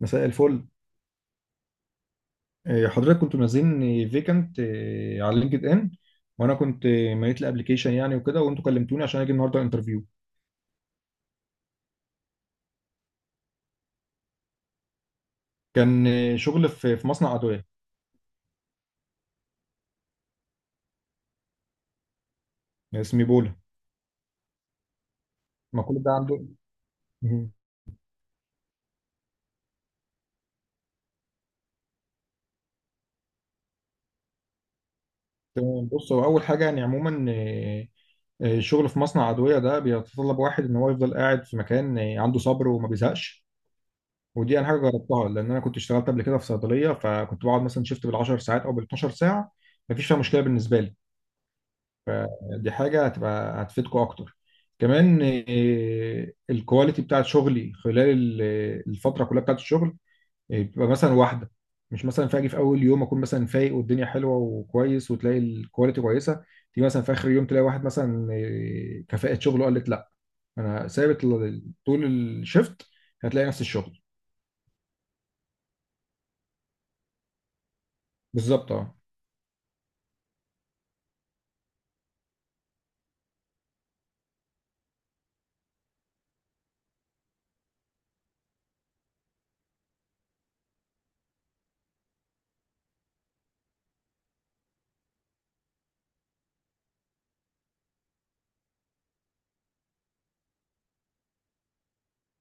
مساء الفل. حضرتك كنتوا منزلين فيكنت على لينكد ان، وانا كنت مليت الابلكيشن يعني وكده، وانتوا كلمتوني عشان اجي النهارده انترفيو. كان شغل في مصنع ادويه. اسمه بولا. ما كل ده عنده. مهم. تمام، بص، هو اول حاجه يعني عموما، إيه، إيه، الشغل في مصنع ادويه ده بيتطلب واحد ان هو يفضل قاعد في مكان، عنده صبر وما بيزهقش. ودي انا حاجه جربتها، لان انا كنت اشتغلت قبل كده في صيدليه، فكنت بقعد مثلا شيفت بال10 ساعات او بال12 ساعه. مفيش فيها مشكله بالنسبه لي. فدي حاجة هتبقى هتفيدكم أكتر. كمان، الكواليتي بتاعت شغلي خلال الفترة كلها بتاعت الشغل، بتبقى مثلا واحدة. مش مثلا فاجي في أول يوم أكون مثلا فايق والدنيا حلوة وكويس وتلاقي الكواليتي كويسة، تيجي مثلا في آخر يوم تلاقي واحد مثلا، كفاءة شغله قالت لأ. أنا ثابت طول الشفت، هتلاقي نفس الشغل بالظبط. اه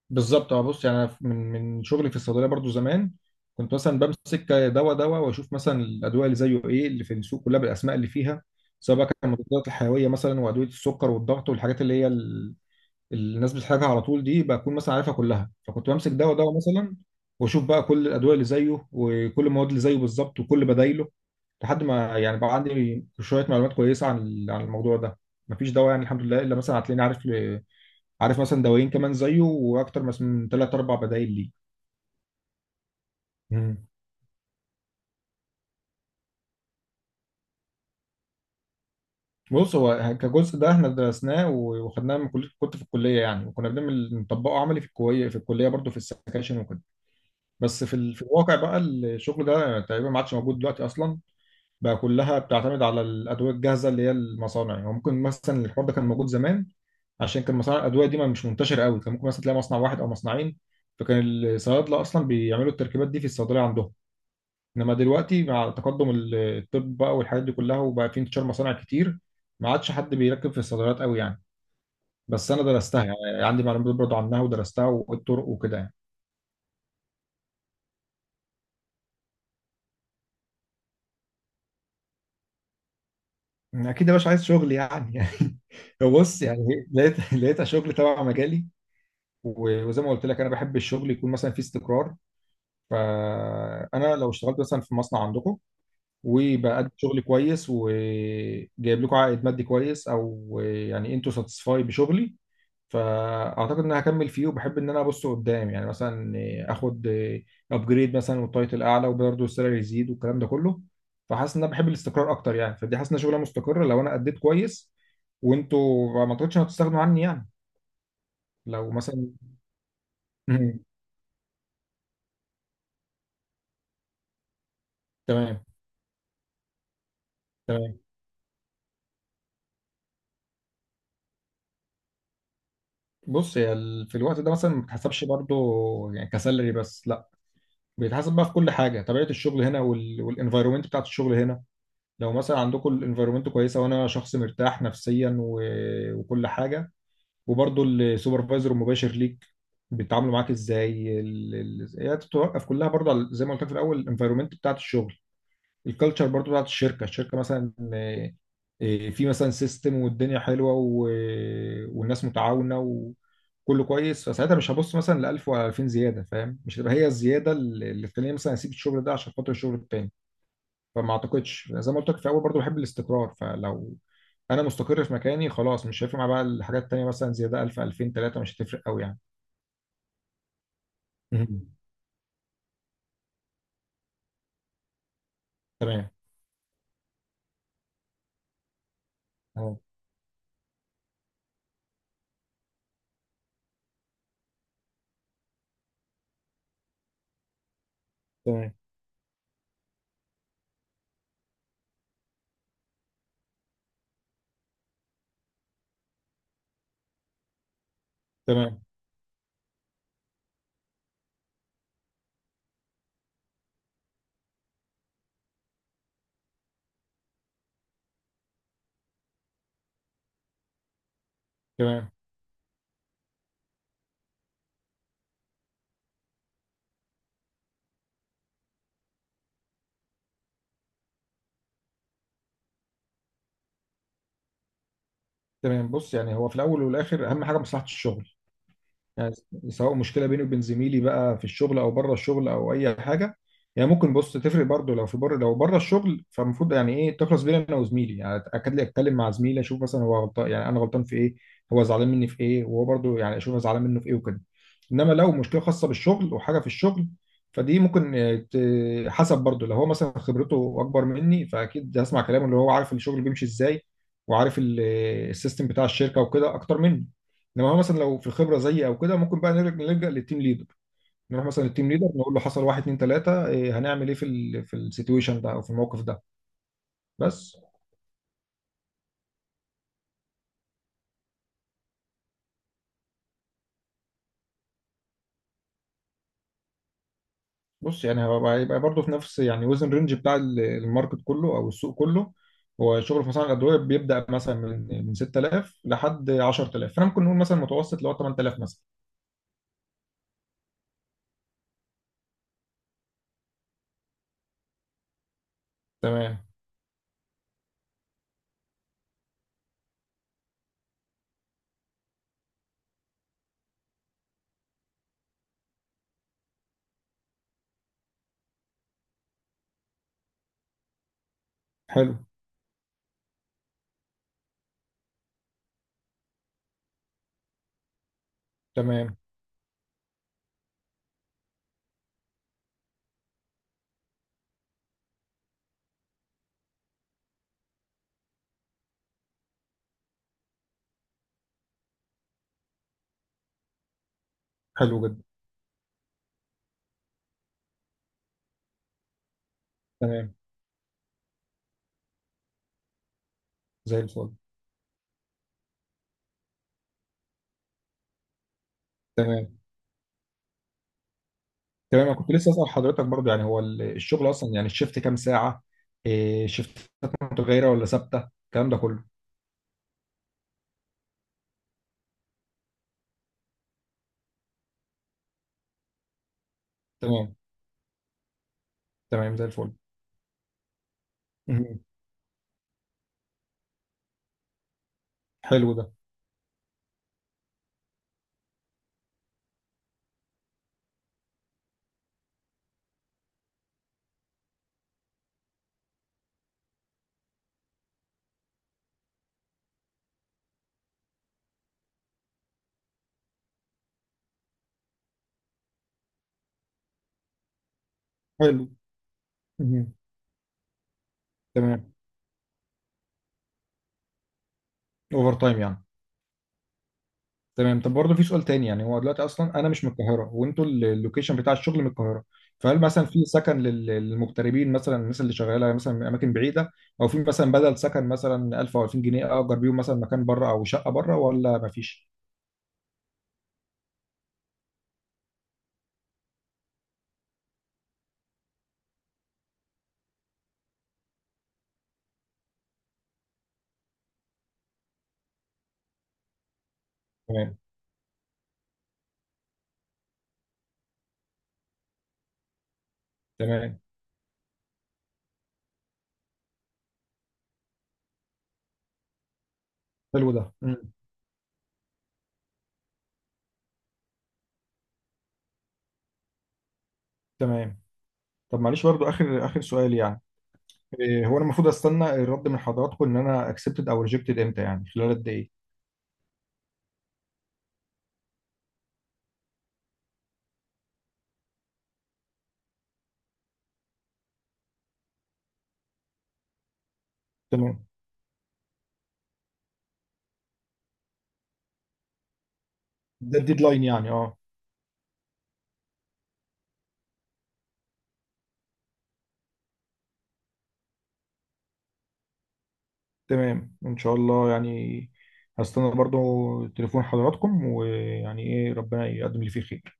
بالظبط اه، بص يعني أنا من شغلي في الصيدليه برضو زمان كنت مثلا بمسك دواء دواء، واشوف مثلا الادويه اللي زيه ايه اللي في السوق كلها بالاسماء اللي فيها، سواء بقى كان مضادات الحيويه مثلا وادويه السكر والضغط والحاجات اللي هي الناس بتحتاجها على طول. دي بكون مثلا عارفها كلها، فكنت بمسك دواء دواء مثلا واشوف بقى كل الادويه اللي زيه وكل المواد اللي زيه بالظبط وكل بدايله، لحد ما يعني بقى عندي شويه معلومات كويسه عن الموضوع ده. مفيش دواء يعني الحمد لله الا مثلا هتلاقيني عارف مثلا دوايين كمان زيه واكتر، من ثلاث اربع بدايل ليه. مم. بص، هو كجزء ده احنا درسناه وخدناه من كليه، كنت في الكليه يعني، وكنا بنعمل نطبقه عملي في الكليه في الكليه برضه في السكاشن وكده. بس في الواقع بقى الشغل ده تقريبا ما عادش موجود دلوقتي اصلا. بقى كلها بتعتمد على الادويه الجاهزه اللي هي المصانع يعني. ممكن مثلا الحوار ده كان موجود زمان، عشان كان مصانع الادويه دي ما مش منتشر قوي. كان ممكن مثلا تلاقي مصنع واحد او مصنعين، فكان الصيادله اصلا بيعملوا التركيبات دي في الصيدليه عندهم. انما دلوقتي مع تقدم الطب بقى والحاجات دي كلها، وبقى في انتشار مصانع كتير، ما عادش حد بيركب في الصيدليات قوي يعني. بس انا درستها يعني، عندي معلومات برضه عنها ودرستها والطرق وكده. يعني اكيد يا باشا عايز شغل يعني. يعني بص، يعني لقيت لقيت شغل تبع مجالي، وزي ما قلت لك انا بحب الشغل يكون مثلا فيه استقرار. فانا لو اشتغلت مثلا في مصنع عندكم، وبقدم شغل كويس وجايب لكم عائد مادي كويس، او يعني انتوا ساتسفاي بشغلي، فاعتقد ان انا هكمل فيه. وبحب ان انا ابص قدام يعني، مثلا اخد ابجريد مثلا، والتايتل اعلى وبرضه السالري يزيد والكلام ده كله. فحاسس ان انا بحب الاستقرار اكتر يعني. فدي حاسس ان شغله مستقره، لو انا اديت كويس وانتوا ما اعتقدش إن هتستغنوا عني يعني. لو مثلا مم. تمام، تمام، بص، في الوقت ده مثلا ما بتحسبش برضه يعني كسالري بس، لا بيتحسب بقى في كل حاجه، طبيعه الشغل هنا والانفايرومنت بتاعت الشغل هنا. لو مثلا عندكم الانفايرومنت كويسه، وانا شخص مرتاح نفسيا، و... وكل حاجه، وبرضه السوبرفايزر المباشر ليك بيتعاملوا معاك ازاي، هي بتتوقف كلها برضه على، زي ما قلت لك في الاول، الانفايرومنت بتاعت الشغل، الكالتشر برضو بتاعت الشركه. مثلا، في مثلا سيستم والدنيا حلوه، و... والناس متعاونه وكله كويس، فساعتها مش هبص مثلا ل 1000 ولا 2000 زياده، فاهم؟ مش هتبقى هي الزياده اللي تخليني مثلا اسيب الشغل ده عشان خاطر الشغل التاني. فما اعتقدش، زي ما قلت لك في الاول برضو بحب الاستقرار. فلو انا مستقر في مكاني خلاص، مش هيفرق معايا بقى الحاجات التانيه، مثلا زياده 1000 2000 3 مش هتفرق قوي يعني. مم. تمام اه. تمام، تمام، تمام، تمام، بص يعني، هو في الاول والاخر اهم حاجه مصلحه الشغل يعني. سواء مشكله بيني وبين زميلي بقى في الشغل او بره الشغل او اي حاجه، يعني ممكن بص تفرق برضه. لو في بره، لو بره الشغل، فالمفروض يعني ايه، تخلص بيني انا وزميلي يعني. اكاد لي اتكلم مع زميلي اشوف مثلا، هو غلطان يعني، انا غلطان في ايه، هو زعلان مني في ايه، وهو برضه يعني اشوف أنا زعلان منه في ايه وكده. انما لو مشكله خاصه بالشغل وحاجه في الشغل، فدي ممكن، حسب برضه. لو هو مثلا خبرته اكبر مني، فاكيد هسمع كلامه اللي هو عارف الشغل بيمشي ازاي وعارف السيستم بتاع الشركه وكده اكتر مني. انما هو مثلا لو في الخبره زيي او كده، ممكن بقى نرجع نلجأ للتيم ليدر. نروح مثلا للتيم ليدر نقول له حصل واحد اتنين تلاته، إيه هنعمل ايه في في السيتويشن ده او في الموقف ده. بس. بص يعني، هيبقى هيبقى برضه في نفس يعني وزن، رينج بتاع الماركت كله او السوق كله. هو الشغل في مصانع الادويه بيبدا مثلا من 6000 لحد 10,000، فانا ممكن نقول مثلا متوسط اللي هو 8000 مثلا. تمام. حلو. تمام. حلو جدا. تمام، زي الفل. تمام. تمام، انا كنت لسه اسال حضرتك برضه يعني، هو الشغل اصلا يعني الشيفت كام ساعه؟ شيفتات متغيره ولا ثابته الكلام ده كله؟ تمام. تمام، زي الفل. مهم. حلو ده. حلو. مهم. تمام. اوفر تايم يعني. تمام. طب برضه في سؤال تاني يعني، هو دلوقتي اصلا انا مش من القاهره، وانتوا اللوكيشن بتاع الشغل من القاهره. فهل مثلا في سكن للمغتربين مثلا، الناس اللي شغاله مثلا من اماكن بعيده؟ او في مثلا بدل سكن مثلا 1000 او 2000 جنيه اجر بيهم مثلا مكان بره او شقه بره، ولا مفيش؟ تمام. تمام. حلو ده. تمام. طب معلش برضو اخر اخر سؤال يعني، هو انا المفروض استنى الرد من حضراتكم ان انا اكسبتد او ريجكتد امتى يعني، خلال قد ايه؟ تمام. ده الديدلاين يعني اه. تمام ان شاء الله يعني، هستنى برضو تليفون حضراتكم، ويعني ايه، ربنا يقدم لي فيه خير.